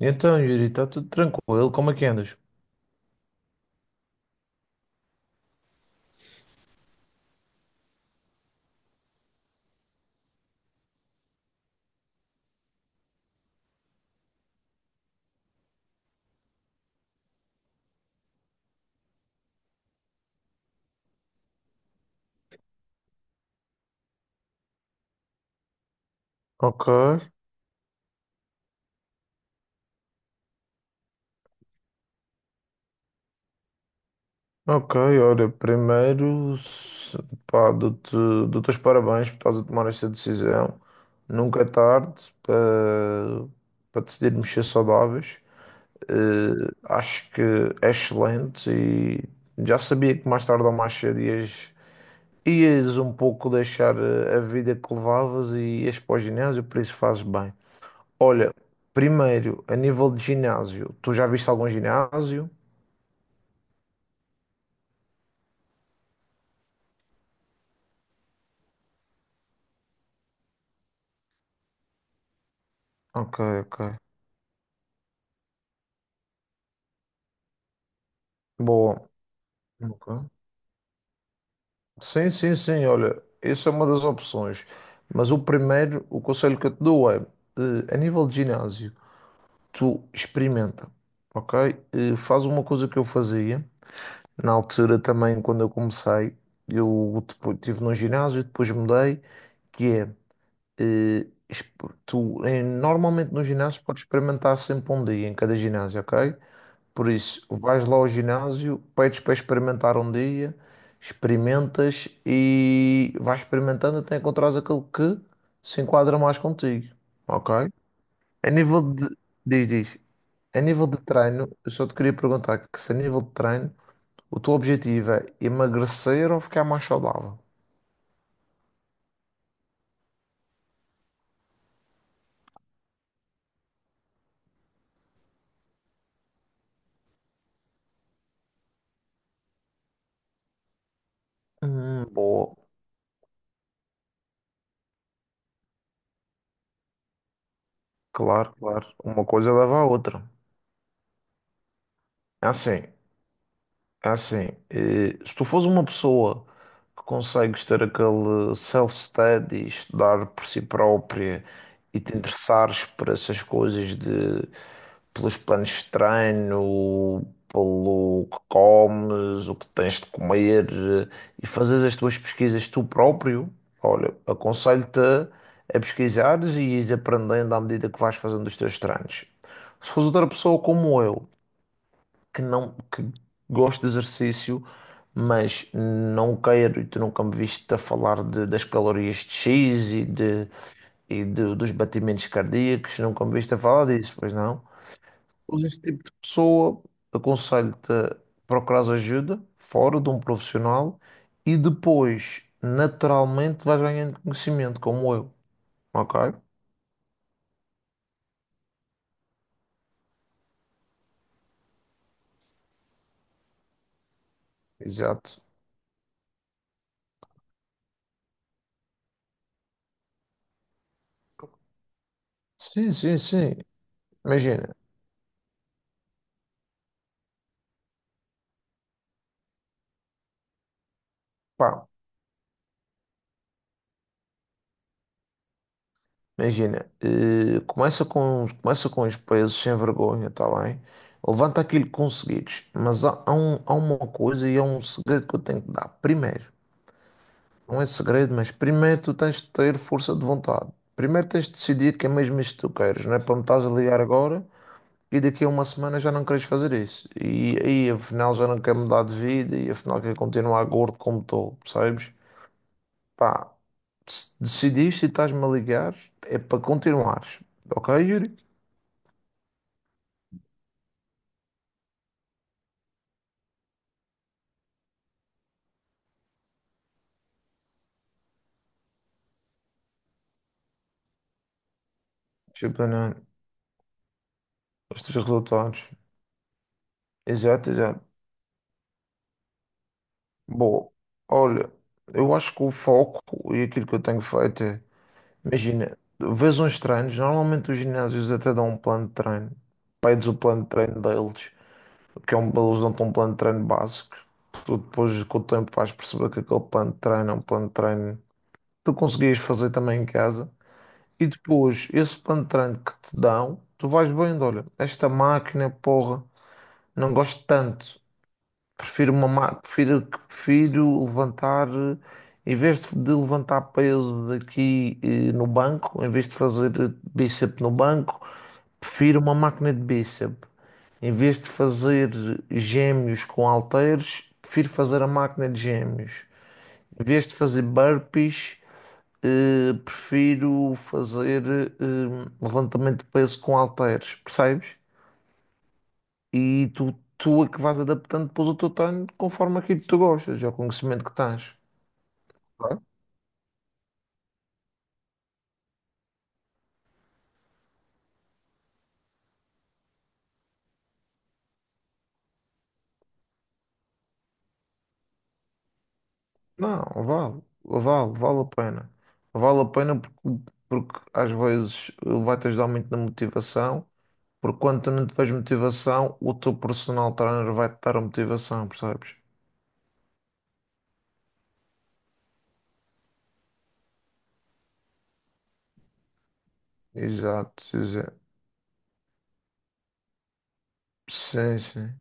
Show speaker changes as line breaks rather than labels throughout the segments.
Então, Yuri, está tudo tranquilo? Como é que andas? Ok, ok, olha, primeiro, pá, dou-te os parabéns por estás a tomar esta decisão. Nunca é tarde para decidir mexer saudáveis. Acho que é excelente e já sabia que mais tarde ou mais cedo ias um pouco deixar a vida que levavas e ias para o ginásio, por isso fazes bem. Olha, primeiro, a nível de ginásio, tu já viste algum ginásio? Ok, ok. Boa. Ok. Sim, sim, sim, olha, essa é uma das opções. Mas o primeiro, o conselho que eu te dou é, a nível de ginásio, tu experimenta, ok? Faz uma coisa que eu fazia, na altura também, quando eu comecei, eu depois estive num ginásio, depois mudei, que é, tu, normalmente nos ginásios podes experimentar sempre um dia em cada ginásio, ok? Por isso, vais lá ao ginásio, pedes para experimentar um dia, experimentas e vais experimentando até encontrares aquele que se enquadra mais contigo, ok? A nível de, diz, diz, a nível de treino, eu só te queria perguntar que se a nível de treino, o teu objetivo é emagrecer ou ficar mais saudável? Boa, claro, claro. Uma coisa leva à outra. É Assim, É assim, se tu fores uma pessoa que consegues ter aquele self-study, estudar por si própria e te interessares por essas coisas de pelos planos de treino, pelo que comes, o que tens de comer. E fazes as tuas pesquisas tu próprio, olha, aconselho-te a pesquisares e ires aprendendo à medida que vais fazendo os teus treinos. Se fores outra pessoa como eu, que não que gosto de exercício, mas não quero, e tu nunca me viste a falar das calorias de X e dos batimentos cardíacos, nunca me viste a falar disso, pois não? Pois este tipo de pessoa, aconselho-te a procurar ajuda fora de um profissional e depois, naturalmente, vais ganhando conhecimento, como eu, ok? Exato. Sim, sim, sim. Imagina, pá. Imagina, começa com os pesos sem vergonha, tá bem? Levanta aquilo que conseguires, mas há uma coisa e há um segredo que eu tenho que dar. Primeiro, não é segredo, mas primeiro tu tens de ter força de vontade. Primeiro tens de decidir que é mesmo isto que tu queres, não é para me estás a ligar agora e daqui a uma semana já não queres fazer isso. E aí afinal já não quero mudar de vida e afinal quero continuar gordo como estou, percebes? Pá, se decidiste e estás-me a ligar, é para continuares. Ok, Yuri? Tipo, né, os teus resultados. Exato, exato. Bom, olha, eu acho que o foco e aquilo que eu tenho feito é, imagina, vês uns treinos, normalmente os ginásios até dão um plano de treino, pedes o plano de treino deles, que é um, eles dão-te um plano de treino básico, tu depois com o tempo vais perceber que aquele plano de treino é um plano de treino que tu conseguias fazer também em casa, e depois esse plano de treino que te dão, tu vais vendo, olha, esta máquina, porra, não gosto tanto. Prefiro, prefiro levantar, em vez de levantar peso daqui, no banco, em vez de fazer bíceps no banco, prefiro uma máquina de bíceps. Em vez de fazer gêmeos com halteres, prefiro fazer a máquina de gêmeos. Em vez de fazer burpees, prefiro fazer levantamento de peso com halteres, percebes? E tu, tu é que vais adaptando depois o teu treino conforme aquilo que tu gostas, é o conhecimento que tens. Claro. Não, vale, vale, vale a pena. Vale a pena porque, porque às vezes vai-te ajudar muito na motivação, porque quando tu não tiveres motivação, o teu personal trainer vai-te dar a motivação, percebes? Exato, exato. Sim, sim.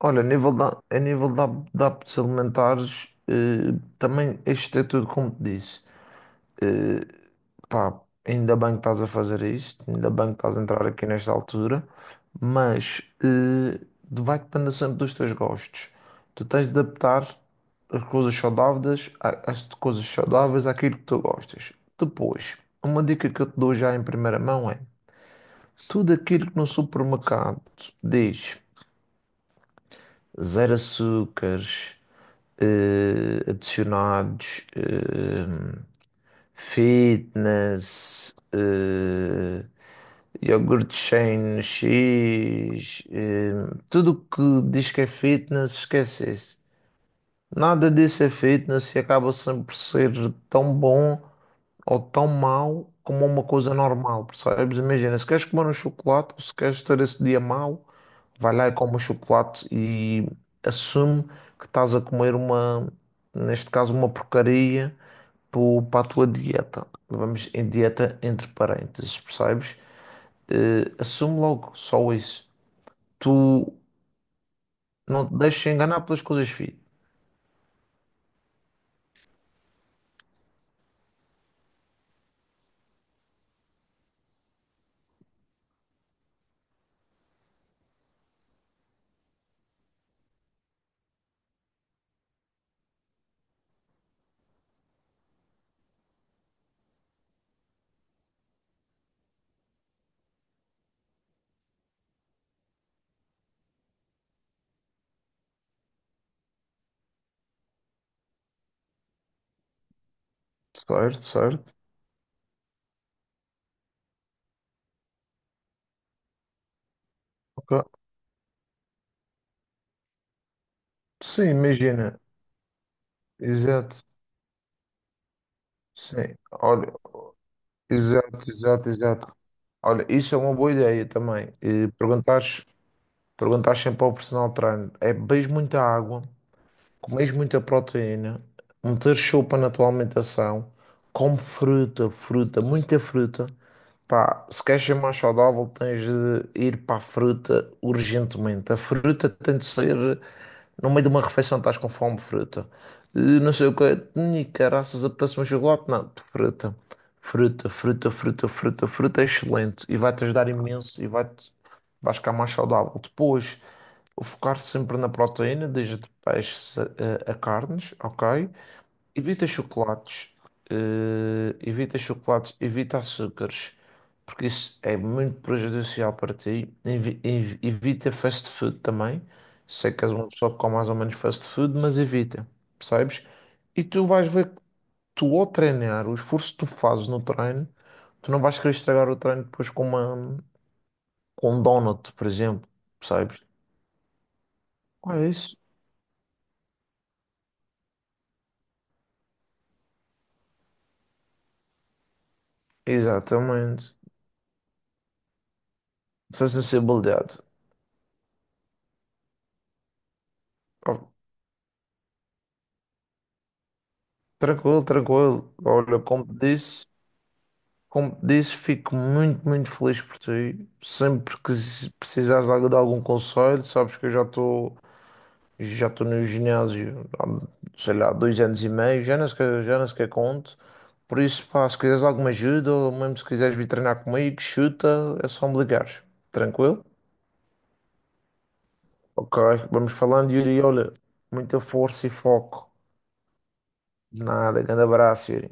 Olha, a nível da, da hábitos alimentares, também este é tudo como te disse. Eh, Pá, ainda bem que estás a fazer isto, ainda bem que estás a entrar aqui nesta altura, mas vai depender sempre dos teus gostos. Tu tens de adaptar as coisas as coisas saudáveis àquilo que tu gostas. Depois, uma dica que eu te dou já em primeira mão é: tudo aquilo que no supermercado diz zero açúcares, adicionados. Fitness, iogurte Shane X, tudo que diz que é fitness, esquece isso. Nada disso é fitness e acaba sempre por ser tão bom ou tão mau como uma coisa normal, percebes? Imagina, se queres comer um chocolate, ou se queres ter esse dia mau, vai lá e come o chocolate e assume que estás a comer uma, neste caso, uma porcaria para a tua dieta. Vamos em dieta entre parênteses, percebes? Assume logo só isso. Tu não te deixes enganar pelas coisas fit. Certo, certo. Ok. Sim, imagina. Exato. Sim. Olha, exato, exato, exato. Olha, isso é uma boa ideia também. E perguntares, perguntares sempre ao personal trainer, é, bebes muita água? Comes muita proteína, meter sopa na tua alimentação, come fruta, fruta, muita fruta. Pá, se queres ser mais saudável, tens de ir para a fruta urgentemente. A fruta tem de ser no meio de uma refeição, estás com fome, fruta. Não sei o que, ni caraças, apetece um chocolate? Não, fruta. Fruta, fruta, fruta, fruta, fruta é excelente e vai-te ajudar imenso e vais ficar mais saudável. Depois. Focar sempre na proteína, desde de peixes a carnes, ok? Evita chocolates, evita chocolates, evita açúcares, porque isso é muito prejudicial para ti. Evita fast food também. Sei que és uma pessoa que come mais ou menos fast food, mas evita, percebes? E tu vais ver que tu ao treinar, o esforço que tu fazes no treino, tu não vais querer estragar o treino depois com uma, com um donut, por exemplo, percebes? Ah, isso. Exatamente. Essa sensibilidade. Ó, tranquilo, tranquilo. Olha, como te disse, fico muito, muito feliz por ti. Sempre que se precisares de de algum conselho, sabes que eu já estou no ginásio há, sei lá, 2 anos e meio, já nem sequer conto. Por isso, pá, se quiseres alguma ajuda, ou mesmo se quiseres vir treinar comigo, chuta, é só me ligares. Tranquilo? Ok, vamos falando, Yuri. Olha, muita força e foco. Nada, grande abraço, Yuri.